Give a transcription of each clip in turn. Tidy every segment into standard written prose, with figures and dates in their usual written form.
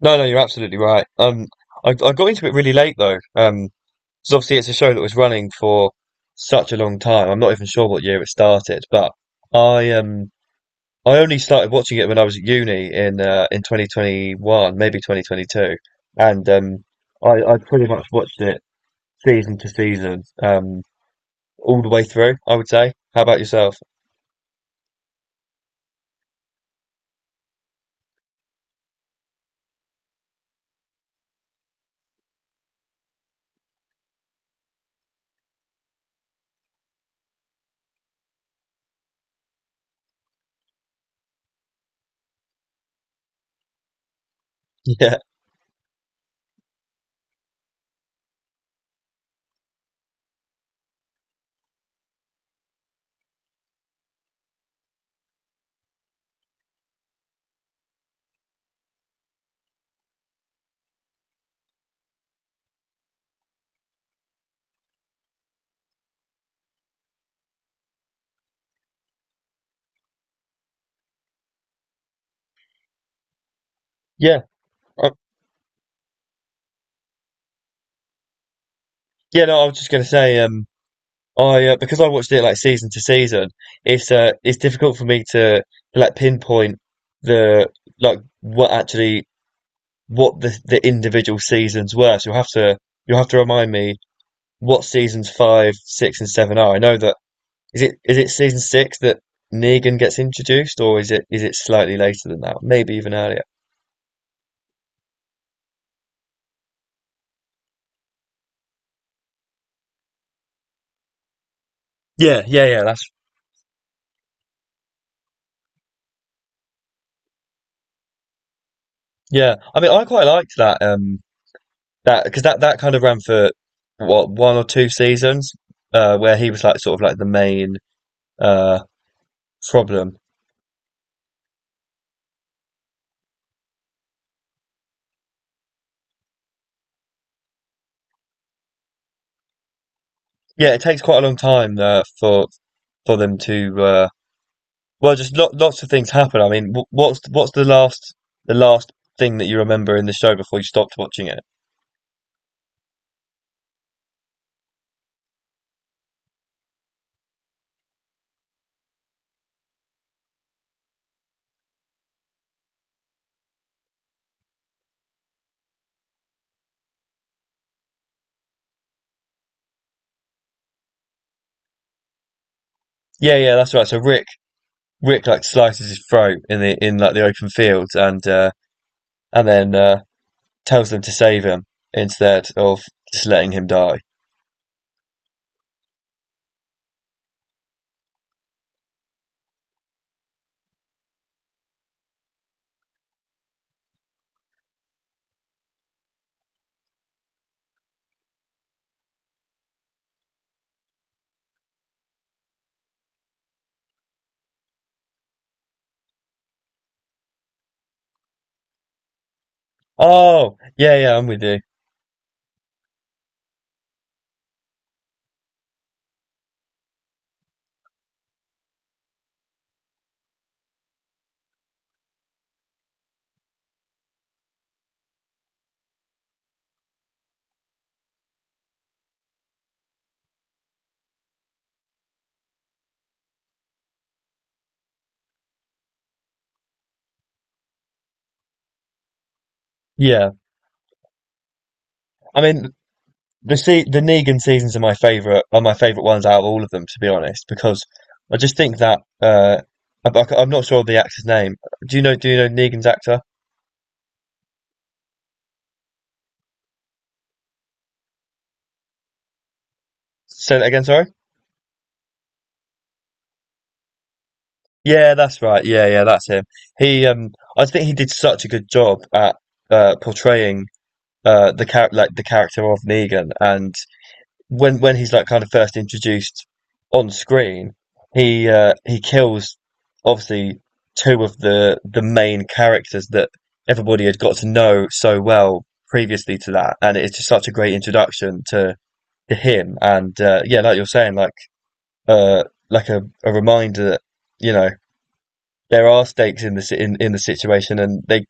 No, no, you're absolutely right. I got into it really late though. 'Cause obviously it's a show that was running for such a long time. I'm not even sure what year it started, but I I only started watching it when I was at uni in 2021, maybe 2022, and I pretty much watched it season to season, all the way through. I would say. How about yourself? Yeah, yeah, uh, yeah. No, I was just gonna say. I Because I watched it like season to season, it's difficult for me to like pinpoint the like what actually what the individual seasons were. So you'll have to remind me what seasons five, six, and seven are. I know that is it season six that Negan gets introduced, or is it slightly later than that? Maybe even earlier. Yeah, yeah, yeah. That's yeah. I mean, I quite liked that. That because that kind of ran for what one or two seasons, where he was like sort of like the main uh problem. Yeah, it takes quite a long time for them to well, just lo lots of things happen. I mean, what's the last thing that you remember in the show before you stopped watching it? Yeah, yeah, that's right. So Rick like slices his throat in the in like the open field and and then tells them to save him instead of just letting him die. Oh yeah, yeah, I'm with you. Yeah, I mean the Negan seasons are my favorite ones out of all of them to be honest because I just think that I'm not sure of the actor's name. Do you know Negan's actor? Say that again, sorry. Yeah, that's right. Yeah, yeah, that's him. He I think he did such a good job at portraying like the character of Negan, and when he's like kind of first introduced on screen, he kills, obviously, two of the main characters that everybody had got to know so well previously to that, and it's just such a great introduction to him. And yeah, like you're saying, uh like a reminder that you know there are stakes in in the situation, and they,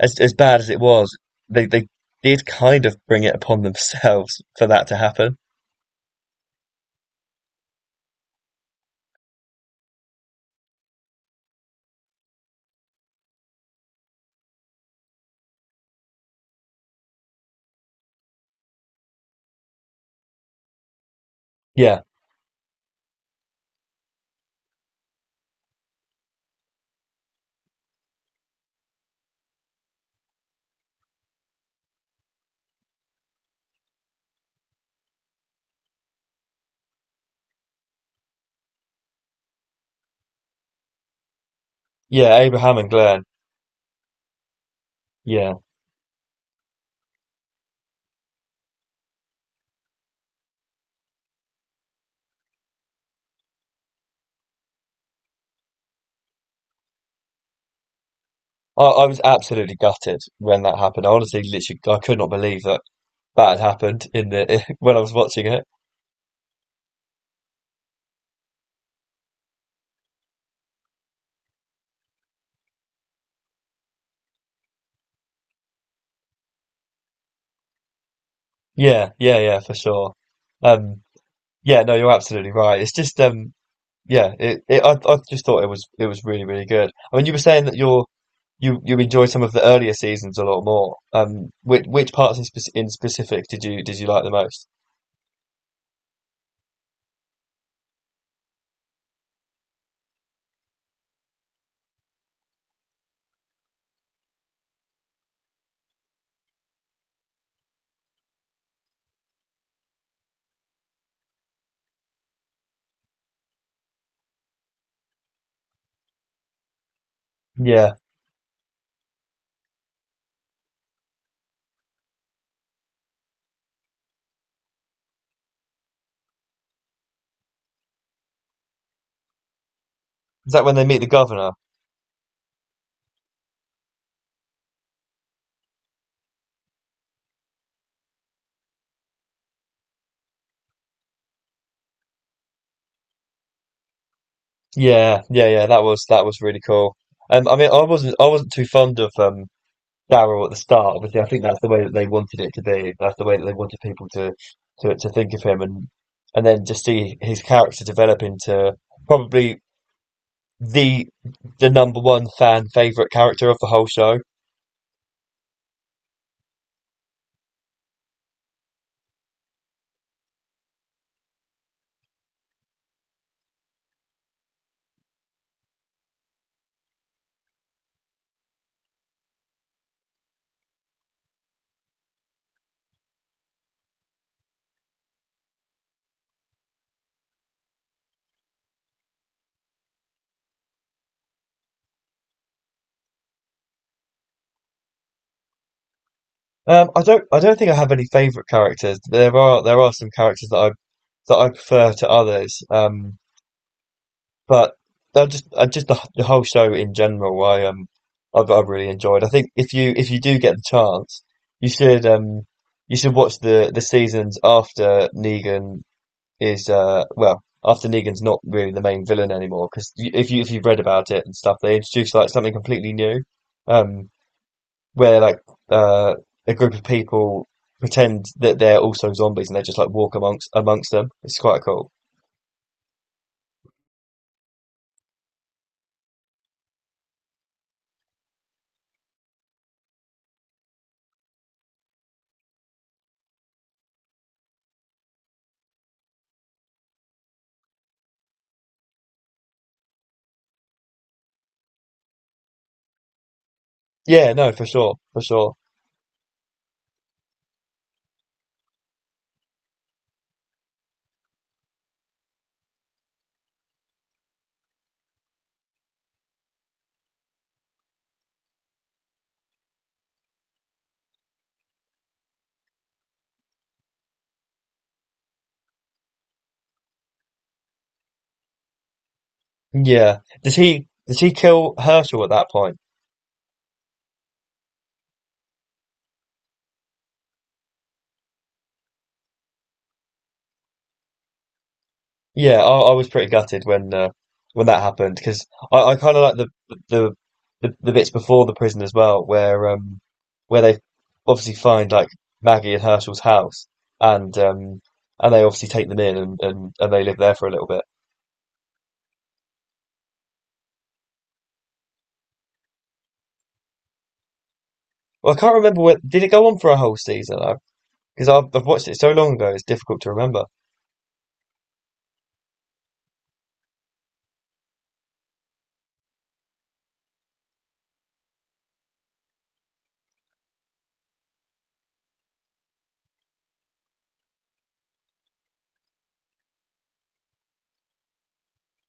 as bad as it was, they did kind of bring it upon themselves for that to happen. Yeah, yeah, Abraham and Glenn. Yeah, I was absolutely gutted when that happened. I honestly, literally, I could not believe that that had happened in the when I was watching it. Yeah, yeah, yeah, for sure. Um, yeah, no, you're absolutely right. It's just Yeah, it I just thought it was really really good. I mean, you were saying that you you enjoyed some of the earlier seasons a lot more. Which parts in, spec in specific did you like the most? Yeah, is that when they meet the governor? Yeah, yeah, yeah. That was really cool. I mean, I wasn't too fond of Daryl at the start. Obviously, I think that's the way that they wanted it to be. That's the way that they wanted people to to think of him, and then just see his character develop into probably, the the number one fan favorite character of the whole show. I don't think I have any favorite characters. There are some characters that I prefer to others. But I just the whole show in general I I've really enjoyed. I think if you do get the chance, you should um you should watch the seasons after Negan is well after Negan's not really the main villain anymore, because if you if you've read about it and stuff, they introduce like something completely new, um where like uh a group of people pretend that they're also zombies and they just like walk amongst them. It's quite cool. Yeah, no, for sure, for sure. Yeah, does he kill Herschel at that point? Yeah, I was pretty gutted when that happened because I kind of like the the bits before the prison as well, where they obviously find like Maggie and Herschel's house, and and they obviously take them in, and they live there for a little bit. Well, I can't remember, what did it go on for a whole season? Because I've watched it so long ago, it's difficult to remember.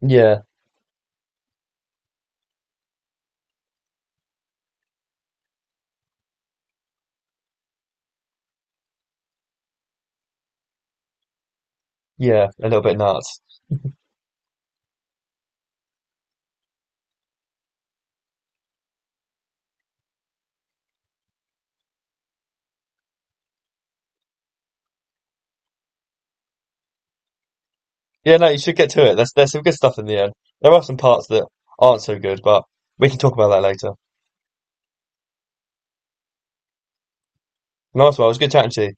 Yeah, yeah, a little bit nuts. Yeah, no, you should get to it. There's some good stuff in the end. There are some parts that aren't so good, but we can talk about that later. Nice one. It was good chatting to you.